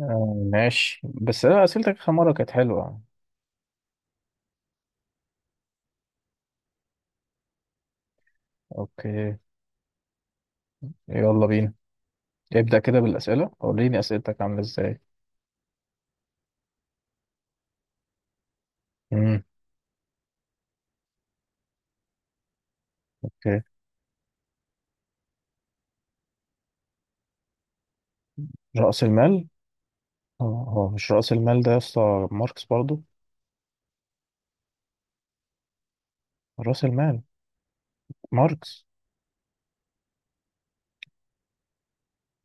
آه، ماشي. بس أنا أسئلتك آخر مرة كانت حلوة. أوكي. يلا بينا. ابدأ كده بالأسئلة وريني أسئلتك عاملة إزاي. مم. أوكي. رأس المال. هو مش رأس المال ده يا اسطى؟ ماركس برضو. رأس المال. ماركس.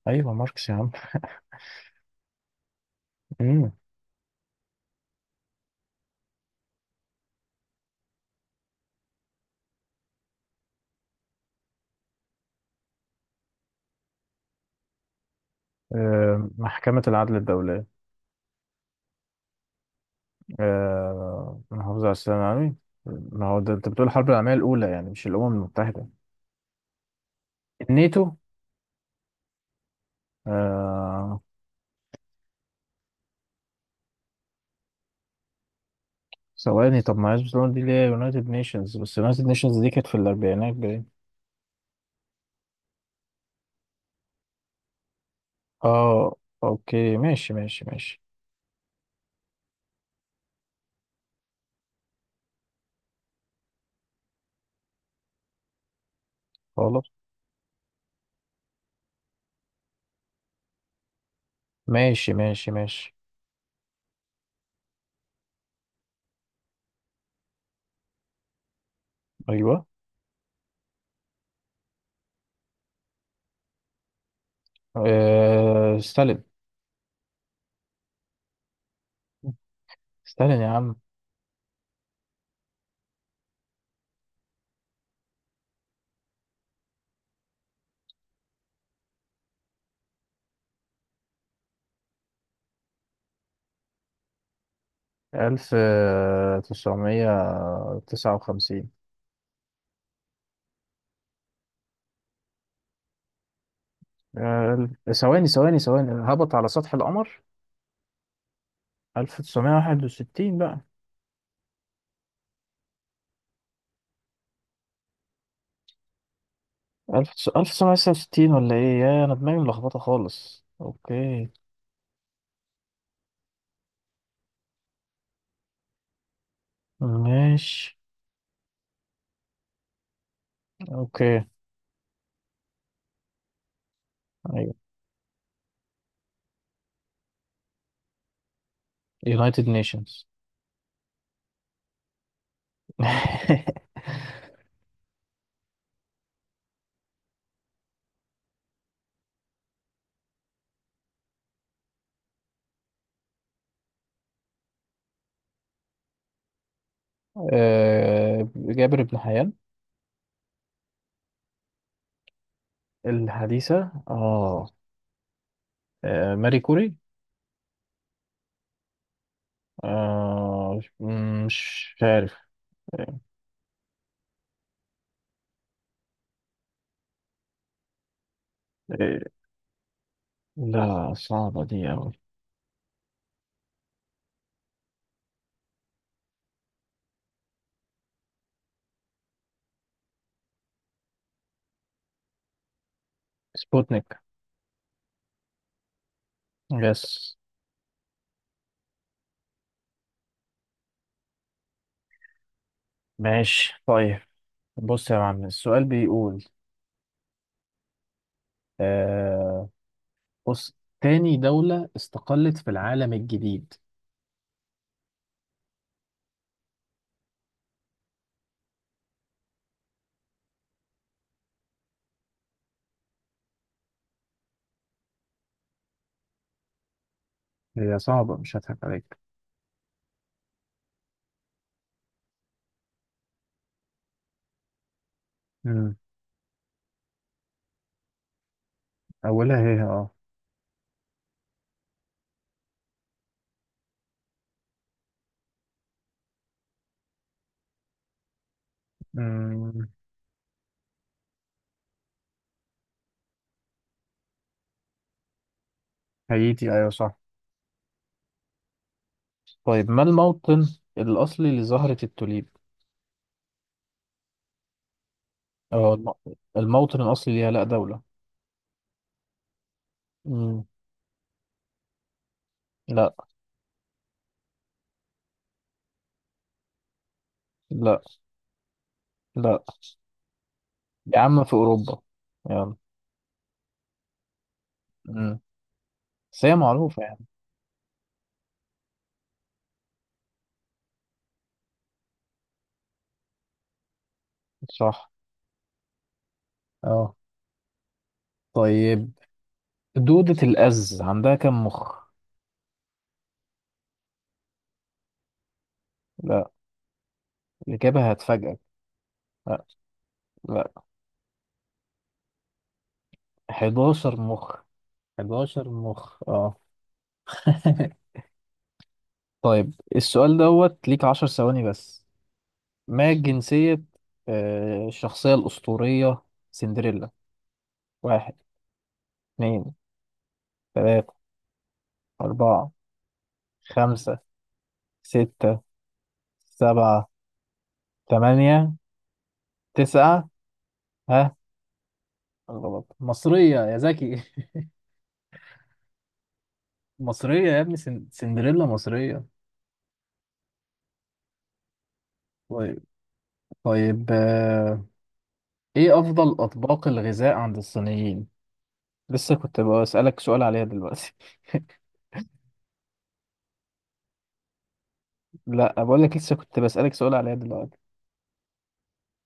أيوه ماركس يا عم. مم. محكمة العدل الدولية. محافظة على السلام العالمي. ما هو ده أنت بتقول الحرب العالمية الأولى، يعني مش الأمم المتحدة. الناتو. آه ثواني. طب ما هي برشلونة دي اللي هي يونايتد نيشنز؟ بس يونايتد نيشنز دي كانت في الأربعينات باين. اه، اوكي، ماشي ماشي ماشي. خلاص. ماشي ماشي ماشي. ايوه. ستالين. ستالين يا عم. ألف تسعمية تسعة وخمسين. ثواني ثواني ثواني. هبط على سطح القمر 1961 بقى. ألف ألف تسعمية تسعة وستين، ولا إيه؟ يا، أنا دماغي ملخبطة خالص. أوكي. ماشي. أوكي. أيوه. يونايتد نيشنز. جابر بن حيان. الحديثة، اه. ماري كوري. آه. مش عارف. آه، لا، صعبة دي أوي. سبوتنيك. يس. ماشي. طيب. بص يا معلم، السؤال بيقول، آه بص. تاني دولة استقلت في العالم الجديد. هي صعبة، مش هضحك عليك. مم. أولها هي مم. هايتي، أيوة صح. طيب، ما الموطن الأصلي لزهرة التوليب؟ اه الم- الموطن الأصلي ليها. لأ، دولة. مم. لا لا لا. يا عم في أوروبا. يلا. مم. بس هي معروفة يعني. صح، اه. طيب. دودة الأز عندها كم مخ؟ لا، الإجابة هتفاجئك. لا لا. 11 مخ. 11 مخ، اه. طيب، السؤال دوت ليك 10 ثواني بس. ما جنسية الشخصية الأسطورية سندريلا؟ واحد، اتنين، تلاتة، أربعة، خمسة، ستة، سبعة، تمانية، تسعة، ها. غلط، مصرية يا زكي. مصرية يا ابني، سندريلا مصرية. طيب. طيب. ايه أفضل أطباق الغذاء عند الصينيين؟ لسه كنت بسألك سؤال عليها دلوقتي. لا، بقول لك لسه كنت بسألك سؤال عليها دلوقتي.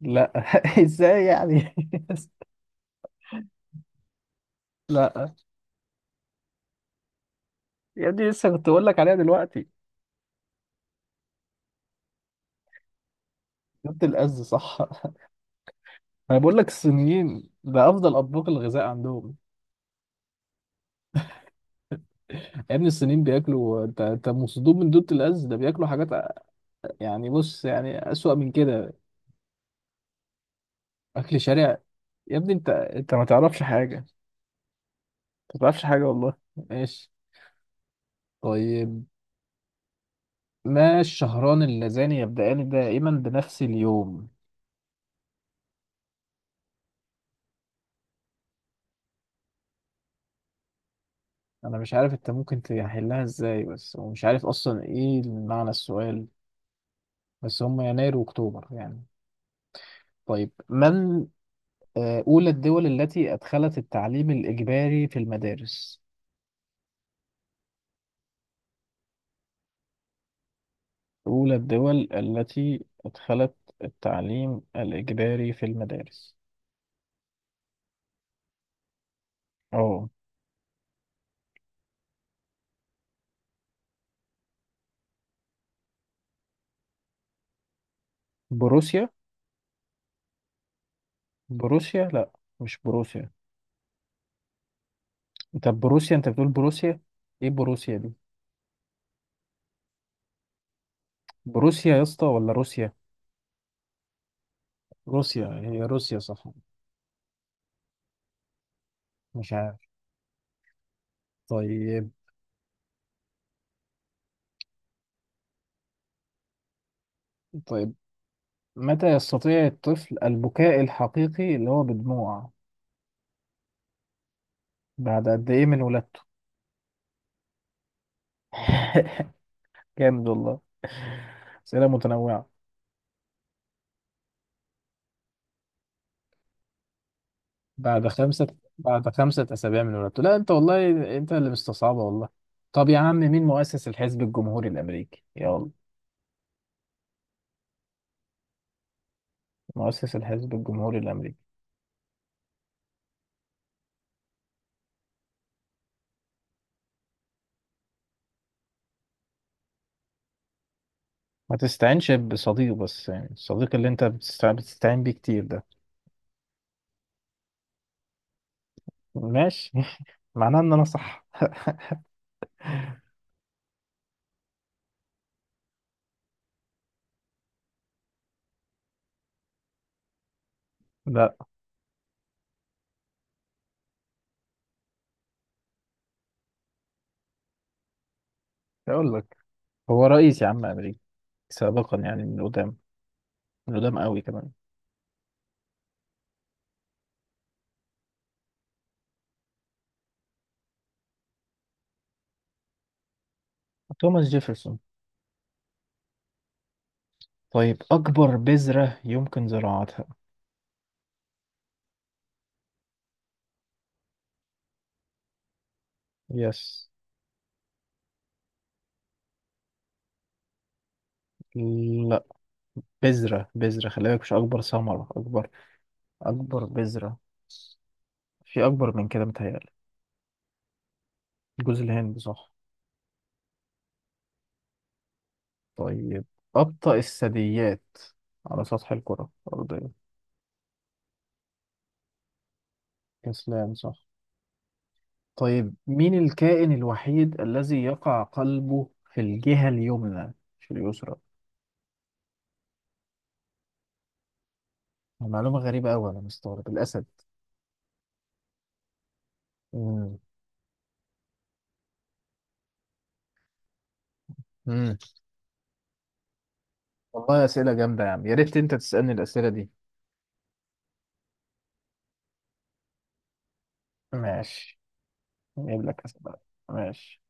لا. ازاي يعني؟ لا يا ابني، لسه كنت بقول لك عليها دلوقتي. جبت الأز، صح. انا بقول لك الصينيين ده افضل اطباق الغذاء عندهم. يا ابني الصينيين بياكلوا، انت مصدوم من دوت الاز، ده بياكلوا حاجات. يعني بص، يعني اسوأ من كده. اكل شارع. يا ابني انت ما تعرفش حاجه. ما تعرفش حاجه والله. ماشي. طيب. ما الشهران اللذان يبدأان دائما بنفس اليوم؟ انا مش عارف انت ممكن تحلها ازاي بس، ومش عارف اصلا ايه معنى السؤال. بس هم يناير واكتوبر يعني. طيب. من أولى الدول التي أدخلت التعليم الإجباري في المدارس. أولى الدول التي أدخلت التعليم الإجباري في المدارس. أه. بروسيا. بروسيا لا. مش بروسيا. طب بروسيا، أنت بتقول بروسيا. إيه بروسيا دي؟ بروسيا يا اسطى، ولا روسيا؟ روسيا هي روسيا صح. مش عارف. طيب. طيب. متى يستطيع الطفل البكاء الحقيقي، اللي هو بدموع، بعد قد إيه من ولادته؟ جامد والله. أسئلة متنوعة. بعد خمسة بعد خمسة أسابيع من ولادته. لا أنت والله، أنت اللي مستصعبة والله. طب يا عم، مين مؤسس الحزب الجمهوري الأمريكي؟ يلا. مؤسس الحزب الجمهوري الأمريكي. ما تستعينش بصديق، بس يعني الصديق اللي أنت بتستعين بيه كتير ده. ماشي. معناه إن أنا صح. لا، أقول لك، هو رئيس يا عم أمريكي سابقا، يعني من قدام، من قدام قوي كمان. توماس جيفرسون. طيب، أكبر بذرة يمكن زراعتها. يس. بذرة بذرة، خلي بالك، مش أكبر ثمرة، أكبر أكبر بذرة. في أكبر من كده متهيألي. جوز الهند صح. طيب، أبطأ الثدييات على سطح الكرة الأرضية. كسلان صح. طيب، مين الكائن الوحيد الذي يقع قلبه في الجهة اليمنى مش اليسرى؟ معلومة غريبة أوي، أنا مستغرب. الأسد. مم. مم. والله أسئلة جامدة يا عم، يا ريت أنت تسألني الأسئلة دي. ماشي. نجيب لك أسئلة. ماشي.